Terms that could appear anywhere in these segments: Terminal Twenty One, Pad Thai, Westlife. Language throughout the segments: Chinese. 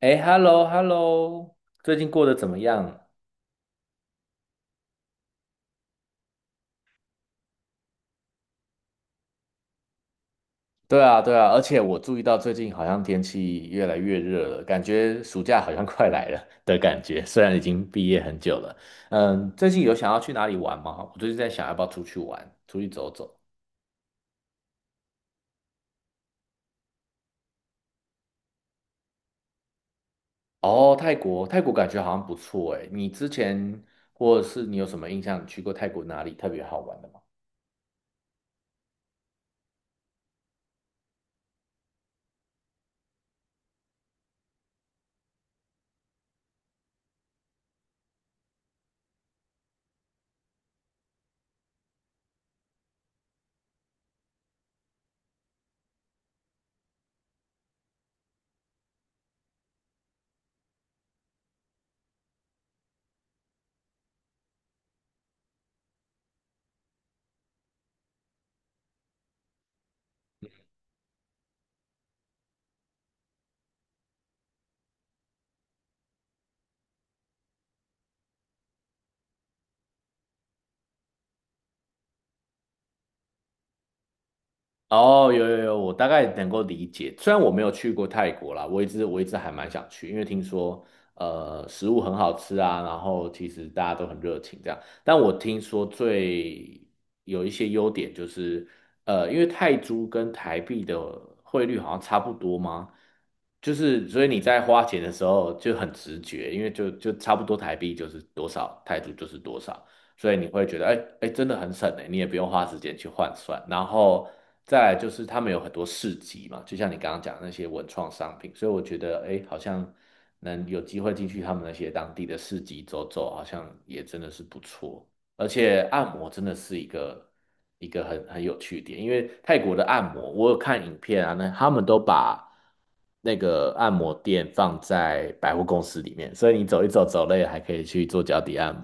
哎，hello，hello，最近过得怎么样？对啊，对啊，而且我注意到最近好像天气越来越热了，感觉暑假好像快来了的感觉。虽然已经毕业很久了，嗯，最近有想要去哪里玩吗？我最近在想要不要出去玩，出去走走。哦，泰国，泰国感觉好像不错诶。你之前或者是你有什么印象？你去过泰国哪里特别好玩的吗？哦，有有有，我大概能够理解。虽然我没有去过泰国啦，我一直还蛮想去，因为听说食物很好吃啊，然后其实大家都很热情这样。但我听说最有一些优点就是，因为泰铢跟台币的汇率好像差不多吗？就是所以你在花钱的时候就很直觉，因为就差不多台币就是多少，泰铢就是多少。所以你会觉得，哎，真的很省哎，你也不用花时间去换算。然后再来就是他们有很多市集嘛，就像你刚刚讲的那些文创商品，所以我觉得，哎，好像能有机会进去他们那些当地的市集走走，好像也真的是不错。而且按摩真的是一个很有趣的点，因为泰国的按摩，我有看影片啊，那他们都把那个按摩店放在百货公司里面，所以你走一走，走累了还可以去做脚底按摩。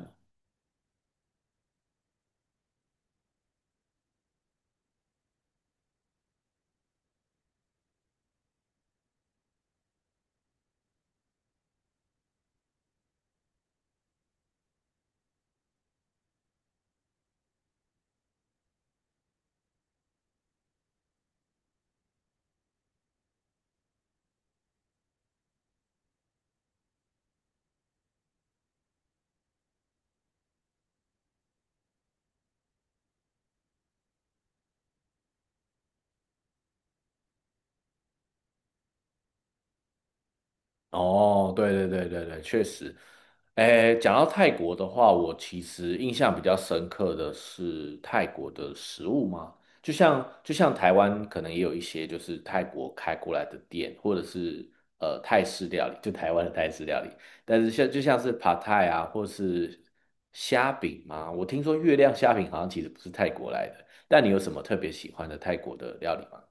哦，对对对对对，确实。诶，讲到泰国的话，我其实印象比较深刻的是泰国的食物嘛，就像台湾可能也有一些就是泰国开过来的店，或者是泰式料理，就台湾的泰式料理，但是像就像是 Pad t a i 啊，或是虾饼嘛，我听说月亮虾饼好像其实不是泰国来的，但你有什么特别喜欢的泰国的料理吗？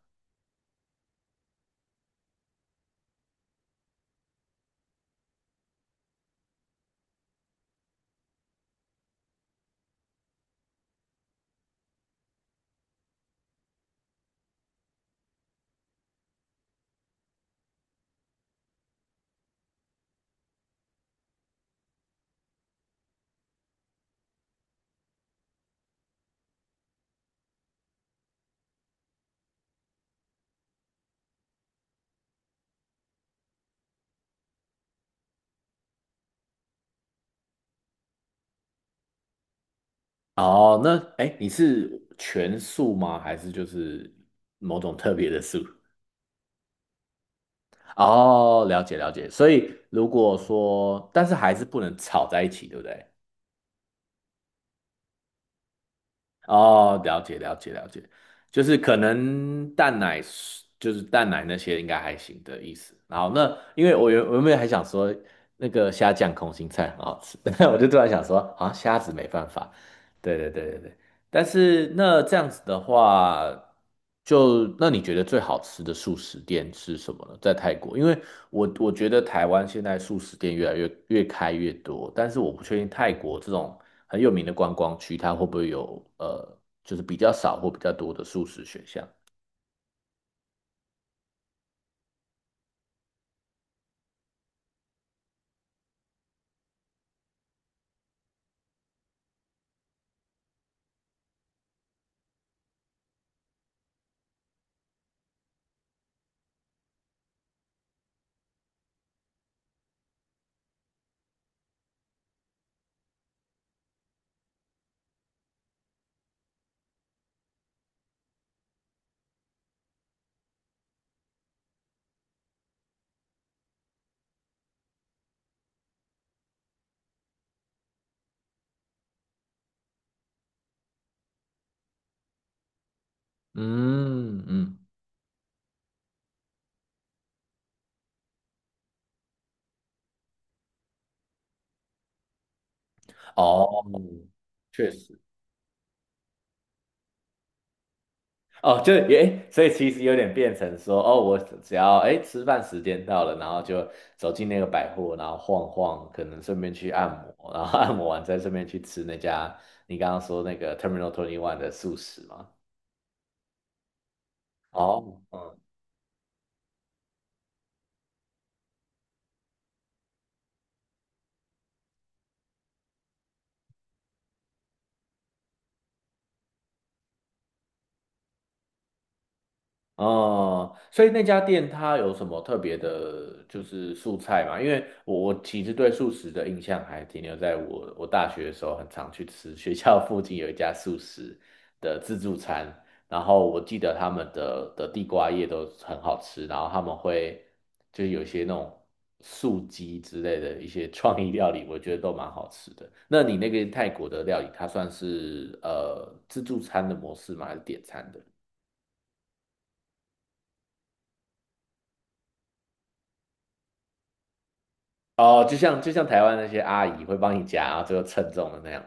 哦，那哎，你是全素吗？还是就是某种特别的素？哦，了解了解。所以如果说，但是还是不能炒在一起，对不对？哦，了解了解了解，就是可能蛋奶是就是蛋奶那些应该还行的意思。然后那因为我原本还想说那个虾酱空心菜很好吃，但我就突然想说，啊，虾子没办法。对对对对对，但是那这样子的话，就那你觉得最好吃的素食店是什么呢？在泰国，因为我觉得台湾现在素食店越来越开越多，但是我不确定泰国这种很有名的观光区，它会不会有就是比较少或比较多的素食选项？嗯嗯，哦，确实，哦，就诶，所以其实有点变成说，哦，我只要诶吃饭时间到了，然后就走进那个百货，然后晃晃，可能顺便去按摩，然后按摩完再顺便去吃那家你刚刚说那个 Terminal Twenty One 的素食嘛。哦，嗯。哦，所以那家店它有什么特别的，就是素菜嘛？因为我其实对素食的印象还停留在我大学的时候，很常去吃学校 附近有一家素食的自助餐，然后我记得他们的地瓜叶都很好吃，然后他们会就是有一些那种素鸡之类的一些创意料理，我觉得都蛮好吃的。那你那个泰国的料理，它算是自助餐的模式吗？还是点餐的？哦，就像台湾那些阿姨会帮你夹，然后最后称重的那样。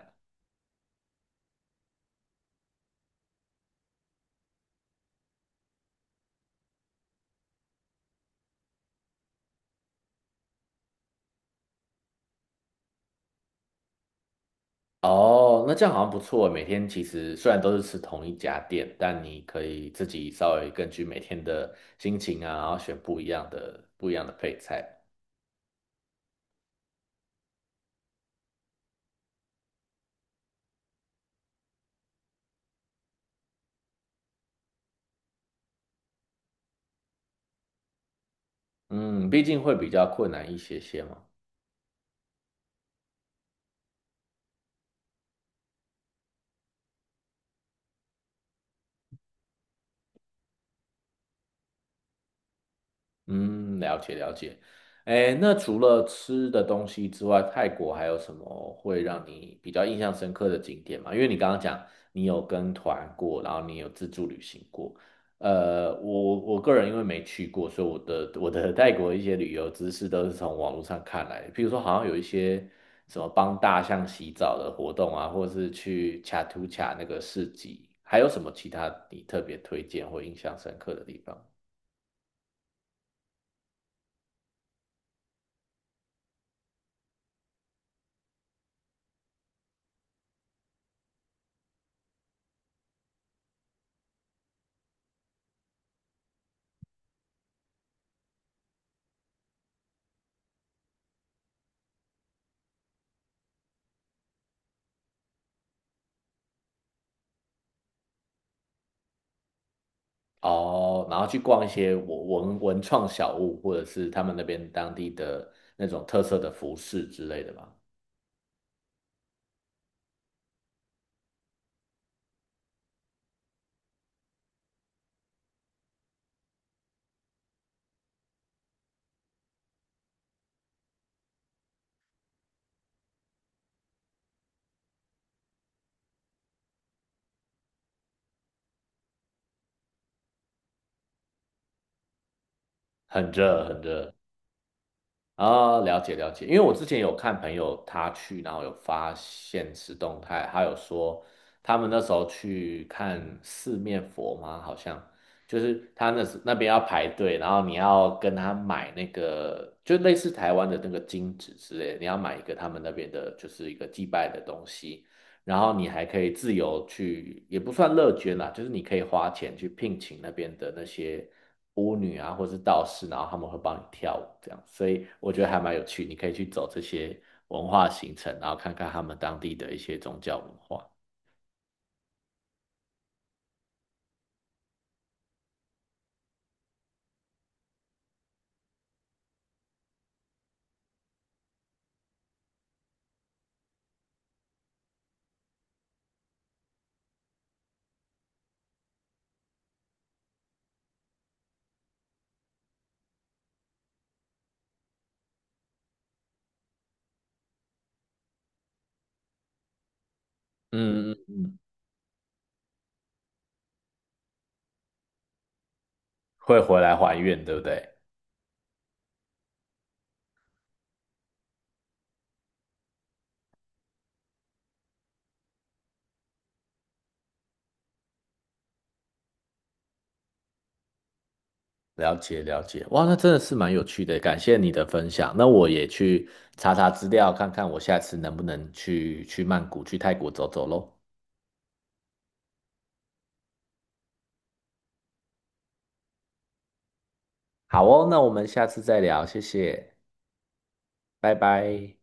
哦，那这样好像不错欸。每天其实虽然都是吃同一家店，但你可以自己稍微根据每天的心情啊，然后选不一样的配菜。嗯，毕竟会比较困难一些些嘛。嗯，了解了解。哎，那除了吃的东西之外，泰国还有什么会让你比较印象深刻的景点吗？因为你刚刚讲你有跟团过，然后你有自助旅行过。我个人因为没去过，所以我的泰国一些旅游知识都是从网络上看来的。譬如说，好像有一些什么帮大象洗澡的活动啊，或是去恰图恰那个市集，还有什么其他你特别推荐或印象深刻的地方？哦，然后去逛一些文创小物，或者是他们那边当地的那种特色的服饰之类的吧。很热，很热啊，了解了解。因为我之前有看朋友他去，然后有发现实动态，他有说他们那时候去看四面佛吗？好像就是他那时那边要排队，然后你要跟他买那个，就类似台湾的那个金纸之类的，你要买一个他们那边的，就是一个祭拜的东西。然后你还可以自由去，也不算乐捐啦，就是你可以花钱去聘请那边的那些巫女啊，或是道士，然后他们会帮你跳舞这样，所以我觉得还蛮有趣，你可以去走这些文化行程，然后看看他们当地的一些宗教文化。嗯嗯嗯，会回来还愿，对不对？了解了解，哇，那真的是蛮有趣的，感谢你的分享。那我也去查查资料，看看我下次能不能去去曼谷、去泰国走走喽。好哦，那我们下次再聊，谢谢，拜拜。